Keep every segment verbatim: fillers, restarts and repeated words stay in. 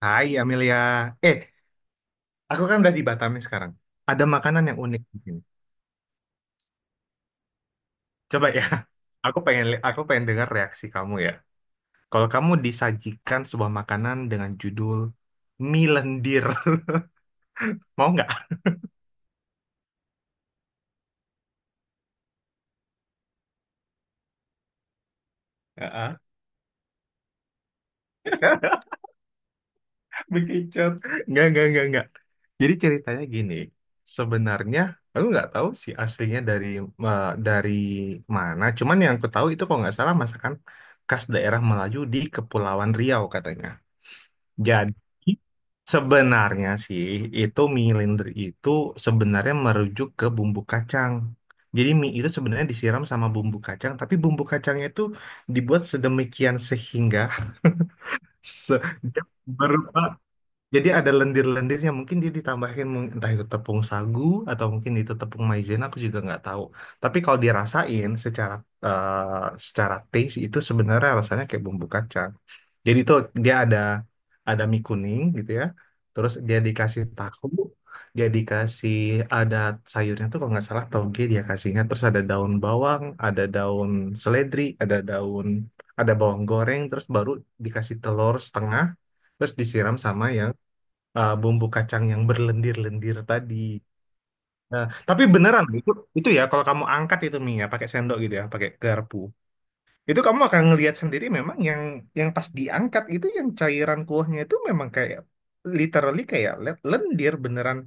Hai Amelia. Eh, aku kan udah di Batam nih sekarang. Ada makanan yang unik di sini. Coba ya. Aku pengen li- aku pengen dengar reaksi kamu ya. Kalau kamu disajikan sebuah makanan dengan judul mie lendir, mau nggak? Heeh. Bekicot. Nggak, nggak, nggak, nggak. Jadi ceritanya gini. Sebenarnya aku nggak tahu sih aslinya dari eh, dari mana. Cuman yang aku tahu itu kalau nggak salah masakan khas daerah Melayu di Kepulauan Riau katanya. Jadi sebenarnya sih itu mie lender itu sebenarnya merujuk ke bumbu kacang. Jadi mie itu sebenarnya disiram sama bumbu kacang, tapi bumbu kacangnya itu dibuat sedemikian sehingga se- berupa. Jadi ada lendir-lendirnya, mungkin dia ditambahin mung- entah itu tepung sagu atau mungkin itu tepung maizena, aku juga nggak tahu. Tapi kalau dirasain secara eh, secara taste itu sebenarnya rasanya kayak bumbu kacang. Jadi tuh dia ada ada mie kuning gitu ya. Terus dia dikasih tahu, dia dikasih ada sayurnya tuh kalau nggak salah toge dia kasihnya. Terus ada daun bawang, ada daun seledri, ada daun, ada bawang goreng. Terus baru dikasih telur setengah. Terus disiram sama yang uh, bumbu kacang yang berlendir-lendir tadi. Nah, tapi beneran itu itu ya kalau kamu angkat itu mie ya pakai sendok gitu ya, pakai garpu. Itu kamu akan ngelihat sendiri memang yang yang pas diangkat itu yang cairan kuahnya itu memang kayak literally kayak le- lendir beneran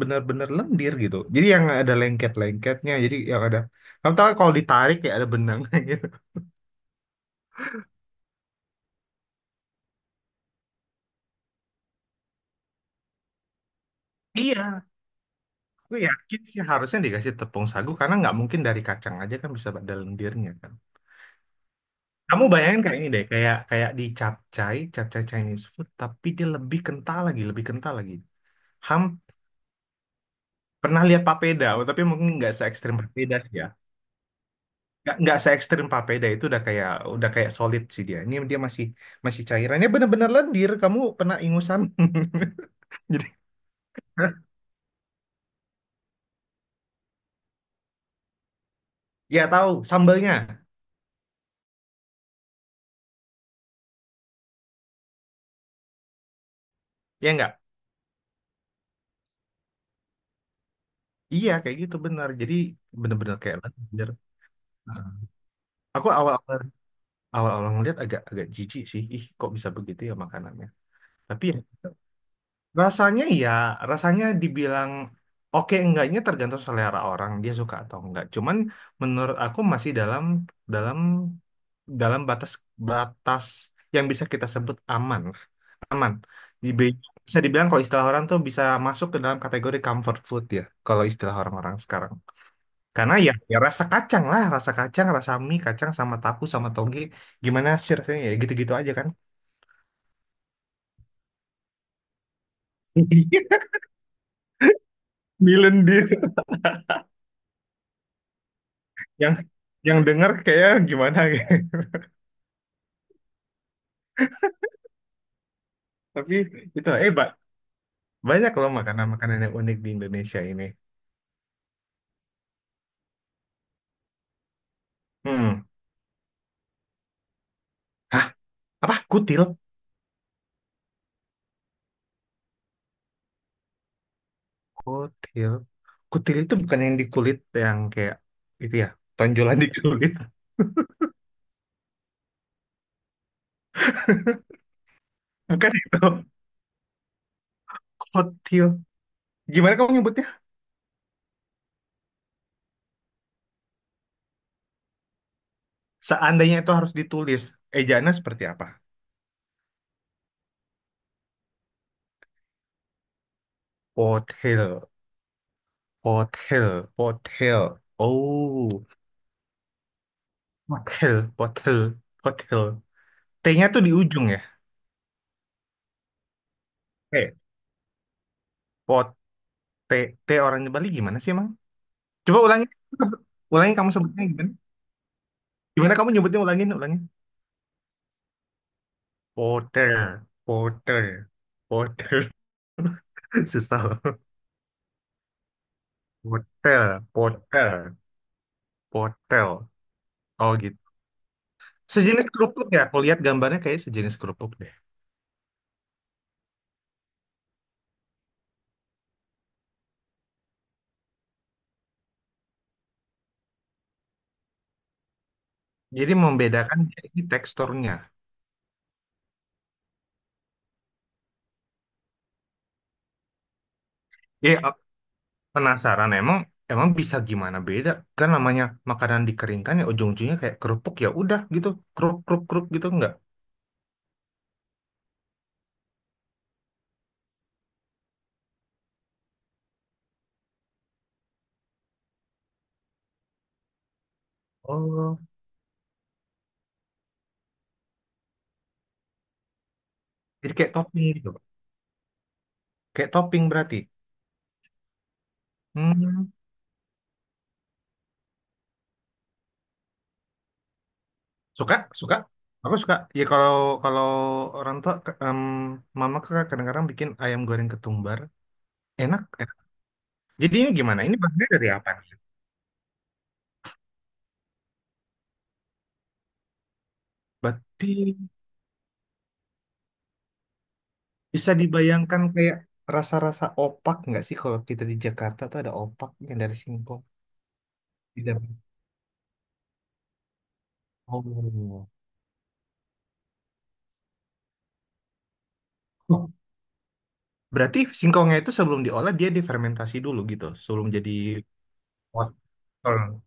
bener-bener lendir gitu. Jadi yang ada lengket-lengketnya, jadi yang ada kamu tahu kalau ditarik ya ada benangnya gitu. Iya, gue yakin sih harusnya dikasih tepung sagu karena nggak mungkin dari kacang aja kan bisa ada lendirnya kan. Kamu bayangin kayak ini deh, kayak kayak di capcay, capcay Chinese food, tapi dia lebih kental lagi, lebih kental lagi. Ham Pernah lihat papeda, oh, tapi mungkin nggak se ekstrim papeda sih ya. nggak nggak se ekstrim Papeda itu udah kayak udah kayak solid sih, dia ini dia masih masih cairannya bener-bener lendir, kamu pernah ingusan. Jadi ya tahu sambelnya, ya nggak, iya kayak gitu bener, jadi bener-bener kayak lendir. Nah, aku awal awal awal awal ngeliat agak agak jijik sih, ih kok bisa begitu ya makanannya, tapi ya. Rasanya ya, rasanya dibilang oke enggaknya tergantung selera orang, dia suka atau enggak. Cuman menurut aku masih dalam dalam dalam batas batas yang bisa kita sebut aman. Aman. Dibe- Bisa dibilang kalau istilah orang tuh bisa masuk ke dalam kategori comfort food ya, kalau istilah orang-orang sekarang. Karena ya, ya rasa kacang lah, rasa kacang, rasa mie, kacang sama tahu sama toge, gimana sih rasanya ya gitu-gitu aja kan. Milendir. yang yang denger kayak gimana gitu. Tapi itu eh ba- banyak loh makanan-makanan yang unik di Indonesia ini. Hmm. Hah, apa? Kutil? Kutil. Kutil itu bukan yang di kulit yang kayak itu ya, tonjolan di kulit. Bukan itu. Kutil. Gimana kamu nyebutnya? Seandainya itu harus ditulis, ejaannya seperti apa? Pothil, pothil, pothil. Oh, pothil, pothil, pothil. T-nya tuh di ujung ya. Eh, T T orangnya Bali gimana sih emang? Coba ulangi. Ulangi, kamu sebutnya gimana? Gimana kamu nyebutnya, ulangin, ulangin. Porter, porter, porter. Susah. Porter, porter, porter. Oh gitu. Sejenis kerupuk ya. Aku lihat gambarnya kayak sejenis kerupuk deh. Jadi membedakan ini teksturnya. Ya penasaran emang emang bisa gimana beda? Kan namanya makanan dikeringkan ya ujung-ujungnya kayak kerupuk ya udah gitu. Kerup kerup kerup gitu enggak? Oh, jadi kayak topping gitu. Kayak topping berarti. Hmm. Suka? Suka? Aku suka. Ya kalau kalau orang tua ke- em, mama kakak kadang-kadang bikin ayam goreng ketumbar. Enak, enak. Jadi ini gimana? Ini bahannya dari apa nih? Berarti bisa dibayangkan kayak rasa-rasa opak nggak sih, kalau kita di Jakarta tuh ada opak yang dari singkong. Tidak. Oh. Oh, berarti singkongnya itu sebelum diolah dia difermentasi dulu gitu, sebelum jadi wortel.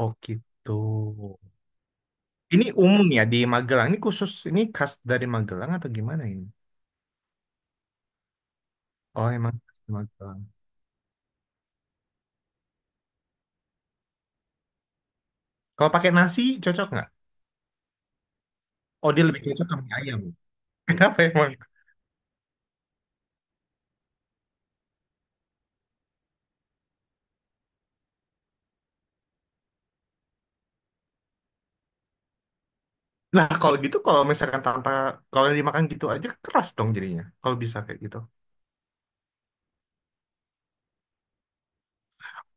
Oh gitu. Ini umum ya di Magelang. Ini khusus, ini khas dari Magelang atau gimana ini? Oh, emang khas dari Magelang. Kalau pakai nasi cocok nggak? Oh, dia lebih cocok sama ayam. Kenapa emang? Nah, kalau gitu kalau misalkan tanpa, kalau dimakan gitu aja keras dong jadinya. Kalau bisa kayak gitu.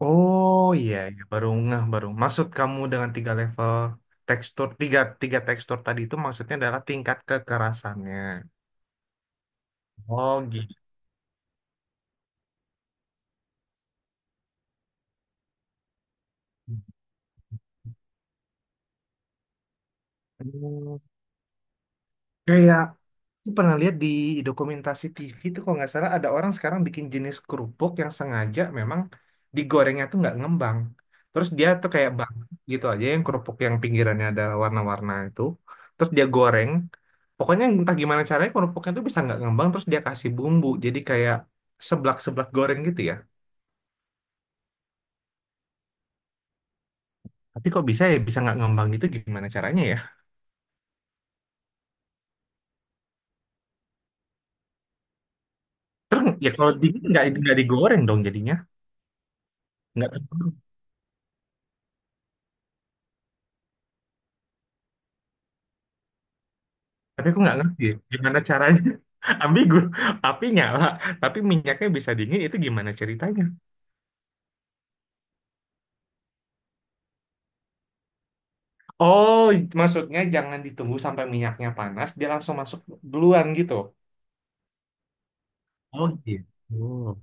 Oh iya, iya. Baru ngeh baru. Maksud kamu dengan tiga level tekstur, tiga tiga tekstur tadi itu maksudnya adalah tingkat kekerasannya. Oh gitu. Hmm, Kayak Aku pernah lihat di dokumentasi T V itu, kalau nggak salah ada orang sekarang bikin jenis kerupuk yang sengaja memang digorengnya tuh nggak ngembang. Terus dia tuh kayak bang gitu aja, yang kerupuk yang pinggirannya ada warna-warna itu. Terus dia goreng. Pokoknya entah gimana caranya kerupuknya tuh bisa nggak ngembang, terus dia kasih bumbu. Jadi kayak seblak-seblak goreng gitu ya. Tapi kok bisa ya bisa nggak ngembang gitu, gimana caranya ya? Terus ya kalau dingin nggak nggak digoreng dong jadinya. Nggak, tapi aku nggak ngerti ya, gimana caranya. Ambigu, api nyala tapi minyaknya bisa dingin, itu gimana ceritanya. Oh, maksudnya jangan ditunggu sampai minyaknya panas, dia langsung masuk duluan gitu. Oh gitu.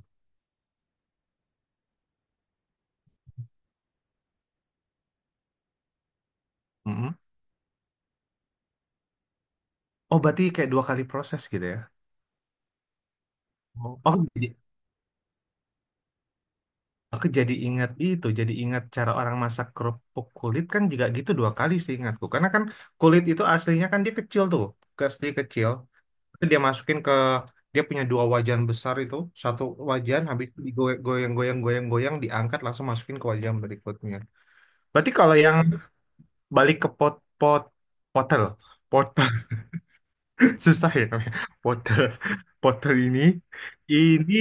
Mm-mm. Oh berarti kayak dua kali proses gitu ya. Oh. oh jadi aku jadi ingat itu, jadi ingat cara orang masak kerupuk kulit kan juga gitu, dua kali sih ingatku, karena kan kulit itu aslinya kan dia kecil tuh, asli kecil. Itu dia masukin ke, dia punya dua wajan besar itu, satu wajan habis itu digoyang goyang goyang goyang diangkat langsung masukin ke wajan berikutnya. Berarti kalau yang balik ke pot pot potel pot. Susah ya namanya, potel potel ini, ini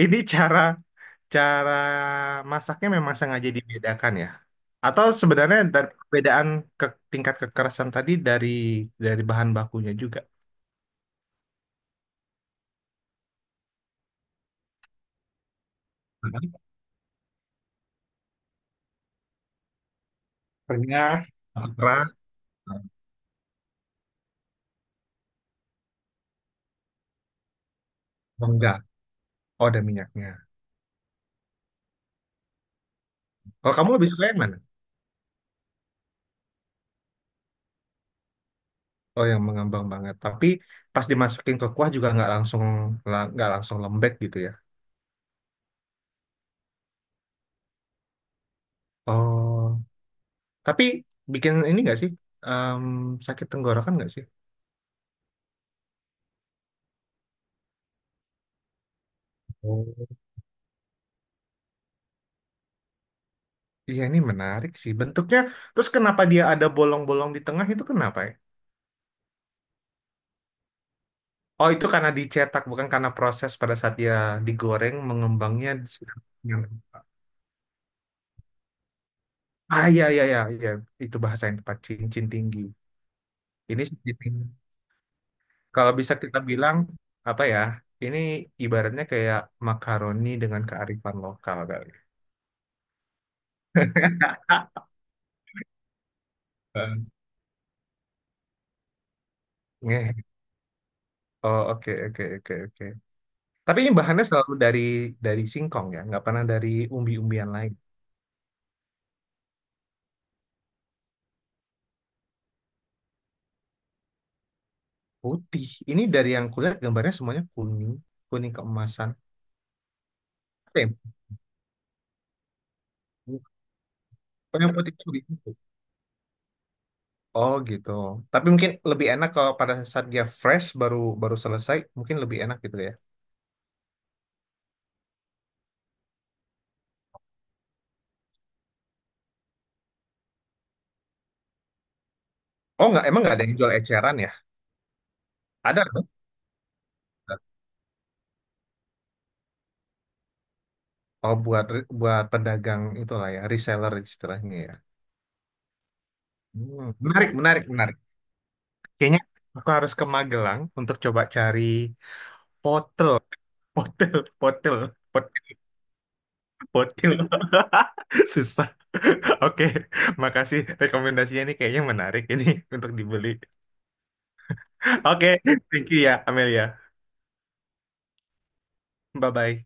ini cara cara masaknya memang sengaja dibedakan ya, atau sebenarnya dari perbedaan ke tingkat kekerasan tadi, dari dari bahan bakunya juga. Bahan bakunya keras. Oh, ada minyaknya. Kalau kamu lebih suka yang mana? Oh, yang mengembang banget. Tapi pas dimasukin ke kuah juga nggak langsung la- nggak langsung lembek gitu ya. Oh, tapi bikin ini nggak sih? Em, sakit tenggorokan nggak sih? Oh. Iya, ini menarik sih bentuknya. Terus kenapa dia ada bolong-bolong di tengah itu, kenapa ya? Oh, itu karena dicetak, bukan karena proses pada saat dia digoreng mengembangnya. sedang- Ah, iya, iya, iya, iya. Itu bahasa yang tepat, cincin tinggi. Ini cincin tinggi. Kalau bisa kita bilang apa ya? Ini ibaratnya kayak makaroni dengan kearifan lokal kali. Ah. Ngeh. Oh, oke, oke, oke, oke. Tapi ini bahannya selalu dari dari singkong ya, nggak pernah dari umbi-umbian lain. Putih. Ini dari yang kulihat gambarnya semuanya kuning, kuning keemasan. Apa ya? Oh, yang putih itu gitu. Oh gitu. Tapi mungkin lebih enak kalau pada saat dia fresh, baru baru selesai, mungkin lebih enak gitu ya. Oh nggak, emang nggak ada yang jual eceran ya? Ada, kan? Oh, buat buat pedagang itulah ya, reseller istilahnya ya. Hmm, menarik, menarik, menarik. Kayaknya aku harus ke Magelang untuk coba cari potel, potel, potel, potel, potel. Susah. Oke, makasih rekomendasinya, ini kayaknya menarik ini untuk dibeli. Oke, thank you ya, Amelia. Bye-bye.